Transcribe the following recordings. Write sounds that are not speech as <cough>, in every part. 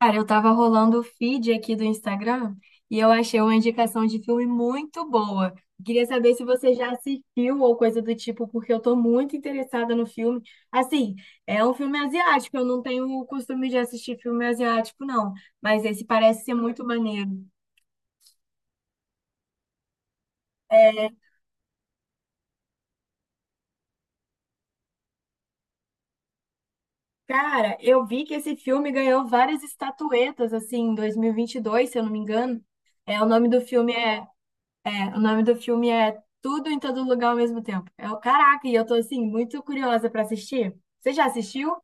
Cara, eu tava rolando o feed aqui do Instagram e eu achei uma indicação de filme muito boa. Queria saber se você já assistiu ou coisa do tipo, porque eu tô muito interessada no filme. Assim, é um filme asiático, eu não tenho o costume de assistir filme asiático, não, mas esse parece ser muito maneiro. É, cara, eu vi que esse filme ganhou várias estatuetas, assim, em 2022, se eu não me engano. É, o nome do filme é É, o nome do filme é Tudo em Todo Lugar ao Mesmo Tempo. É o caraca, e eu tô assim muito curiosa pra assistir. Você já assistiu?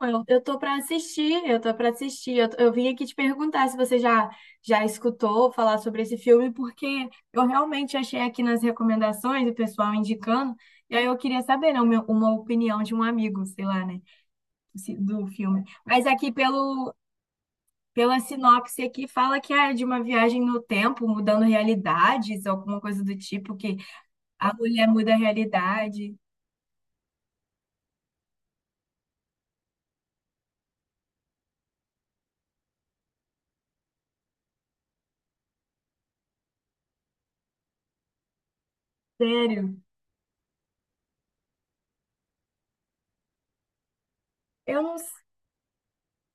Eu tô pra assistir, eu tô pra assistir. Eu vim aqui te perguntar se você já escutou falar sobre esse filme, porque eu realmente achei aqui nas recomendações o pessoal indicando, e aí eu queria saber, né, uma opinião de um amigo, sei lá, né, do filme. Mas aqui pelo Pela sinopse aqui fala que é de uma viagem no tempo, mudando realidades, alguma coisa do tipo que a mulher muda a realidade. Sério. Eu não s-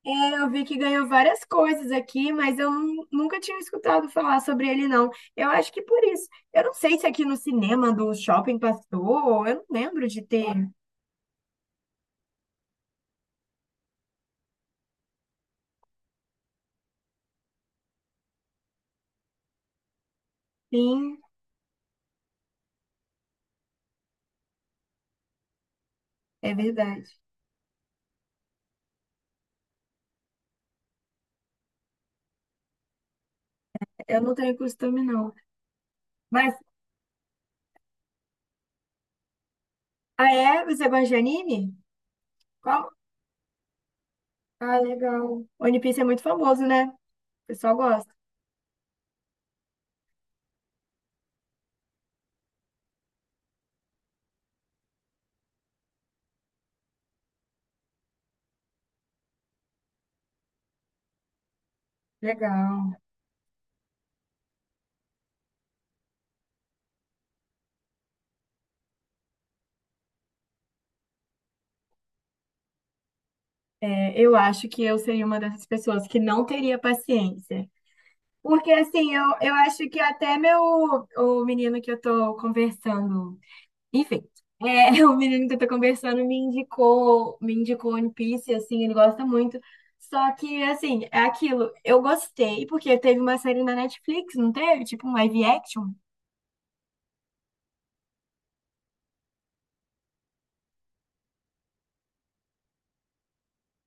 É, eu vi que ganhou várias coisas aqui, mas eu nunca tinha escutado falar sobre ele, não. Eu acho que por isso. Eu não sei se aqui no cinema do shopping passou, eu não lembro de ter. Sim, é verdade. Eu não tenho costume, não. Mas, ah, é? Você gosta de anime? Qual? Ah, legal. One Piece é muito famoso, né? O pessoal gosta. Legal. É, eu acho que eu seria uma dessas pessoas que não teria paciência. Porque assim, eu acho que até meu o menino que eu tô conversando, enfim, é, <laughs> o menino que eu tô conversando me indicou One Piece, assim, ele gosta muito. Só que assim, é aquilo, eu gostei porque teve uma série na Netflix, não teve? Tipo um live action.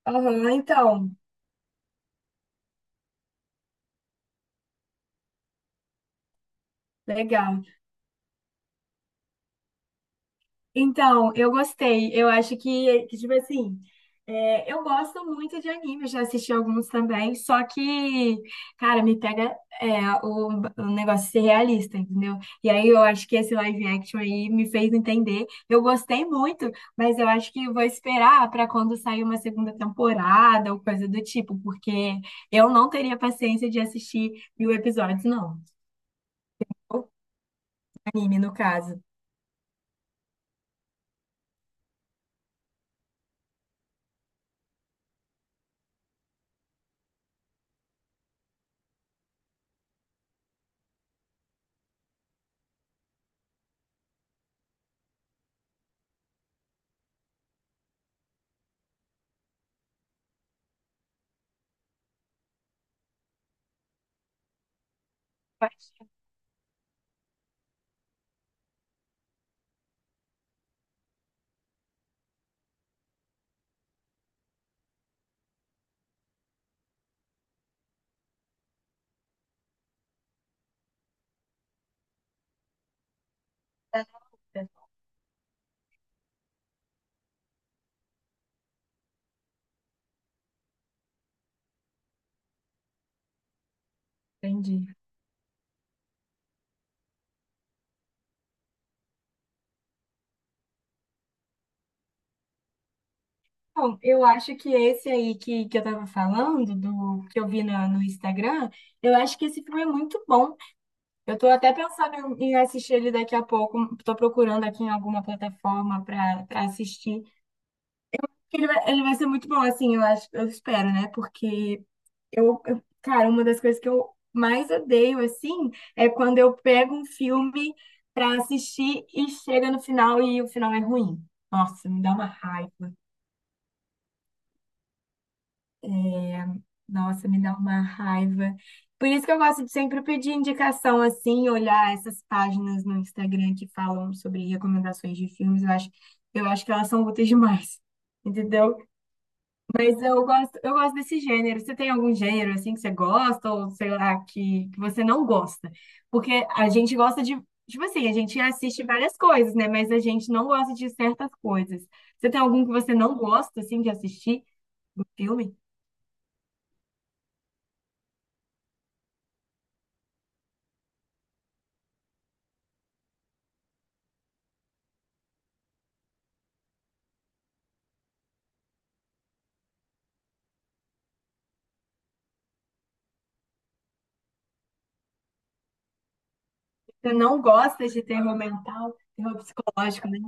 Aham, então, legal. Então, eu gostei. Eu acho que, tipo assim, é, eu gosto muito de anime, já assisti alguns também, só que, cara, me pega é, o negócio de ser realista, entendeu? E aí eu acho que esse live action aí me fez entender. Eu gostei muito, mas eu acho que eu vou esperar para quando sair uma segunda temporada ou coisa do tipo, porque eu não teria paciência de assistir 1000 episódios, não. Ou anime, no caso. Entendi. Então, eu acho que esse aí que eu tava falando, do que eu vi no Instagram, eu acho que esse filme é muito bom. Eu tô até pensando em assistir ele daqui a pouco. Tô procurando aqui em alguma plataforma para pra assistir. Ele vai ser muito bom, assim, eu acho, eu espero, né? Porque cara, uma das coisas que eu mais odeio, assim, é quando eu pego um filme para assistir e chega no final e o final é ruim. Nossa, me dá uma raiva. Nossa, me dá uma raiva. Por isso que eu gosto de sempre pedir indicação assim, olhar essas páginas no Instagram que falam sobre recomendações de filmes, eu acho que elas são úteis demais. <laughs> Entendeu? Mas eu gosto desse gênero. Você tem algum gênero assim que você gosta ou sei lá que você não gosta? Porque a gente gosta de, tipo assim, a gente assiste várias coisas, né? Mas a gente não gosta de certas coisas. Você tem algum que você não gosta assim de assistir no filme? Você não gosta de terror mental, terror psicológico, né?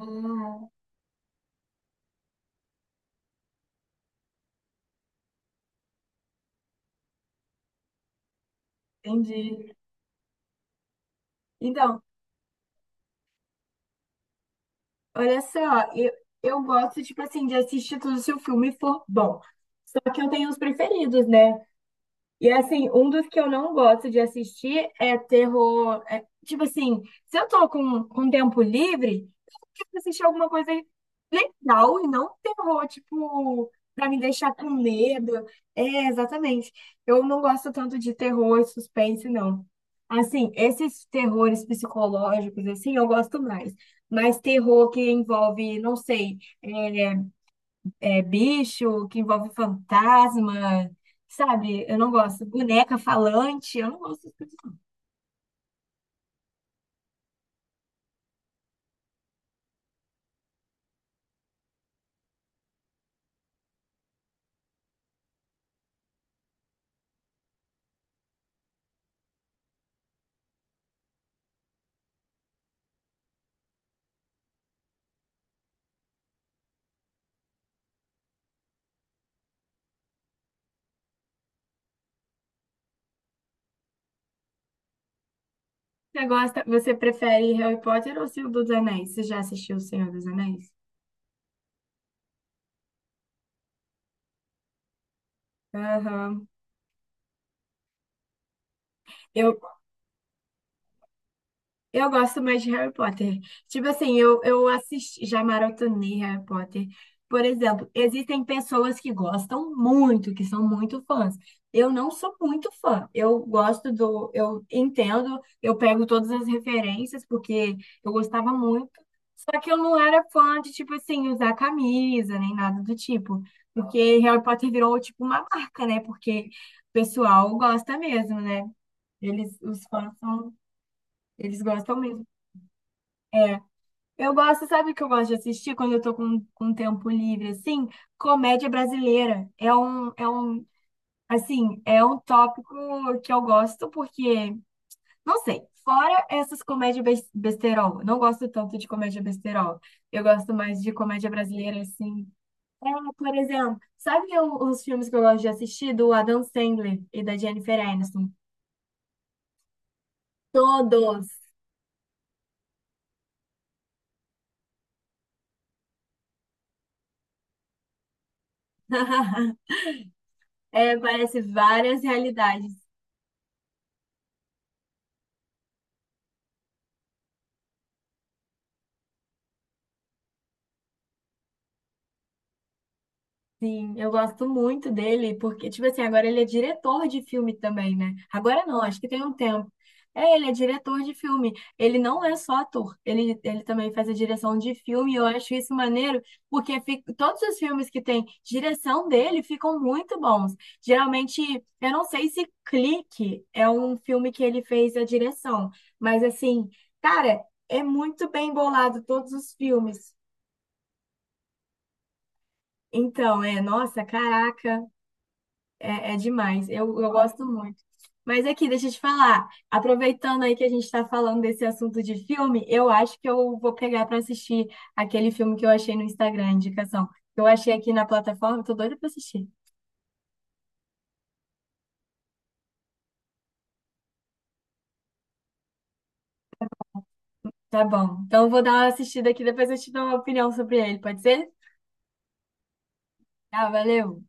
Ah, entendi. Então, olha só, eu, eu gosto, tipo assim, de assistir tudo se o filme for bom. Só que eu tenho os preferidos, né? E assim, um dos que eu não gosto de assistir é terror. É, tipo assim, se eu tô com tempo livre, quero assistir alguma coisa legal e não terror, tipo, pra me deixar com medo. É, exatamente. Eu não gosto tanto de terror e suspense, não. Assim, esses terrores psicológicos, assim, eu gosto mais. Mas terror que envolve, não sei, é, bicho, que envolve fantasma, sabe? Eu não gosto. Boneca falante, eu não gosto. Dessas coisas. Você gosta, você prefere Harry Potter ou Senhor dos Anéis? Você já assistiu o Senhor dos Anéis? Aham. Eu, Eu gosto mais de Harry Potter. Tipo assim, eu assisti, já maratonei Harry Potter. Por exemplo, existem pessoas que gostam muito, que são muito fãs. Eu não sou muito fã. Eu gosto do, eu entendo, eu pego todas as referências, porque eu gostava muito. Só que eu não era fã de, tipo assim, usar camisa, nem nada do tipo. Porque Harry Potter virou, tipo, uma marca, né? Porque o pessoal gosta mesmo, né? Eles, os fãs são, eles gostam mesmo. Eu gosto, sabe o que eu gosto de assistir quando eu tô com tempo livre, assim? Comédia brasileira. Assim, é um tópico que eu gosto porque, não sei, fora essas comédias besterol, eu não gosto tanto de comédia besterol. Eu gosto mais de comédia brasileira, assim. É, por exemplo, sabe os filmes que eu gosto de assistir do Adam Sandler e da Jennifer Aniston? Todos! <laughs> É, parece várias realidades. Sim, eu gosto muito dele, porque, tipo assim, agora ele é diretor de filme também, né? Agora não, acho que tem um tempo. É, ele é diretor de filme. Ele não é só ator, ele também faz a direção de filme, e eu acho isso maneiro, porque todos os filmes que tem direção dele ficam muito bons. Geralmente, eu não sei se Clique é um filme que ele fez a direção, mas assim, cara, é muito bem bolado todos os filmes. Então, é, nossa, caraca. É, é demais, eu gosto muito. Mas aqui, deixa eu te falar, aproveitando aí que a gente está falando desse assunto de filme, eu acho que eu vou pegar para assistir aquele filme que eu achei no Instagram, indicação, que eu achei aqui na plataforma, tô doida para assistir. Tá bom, então eu vou dar uma assistida aqui, depois eu te dou uma opinião sobre ele, pode ser? Tá, valeu!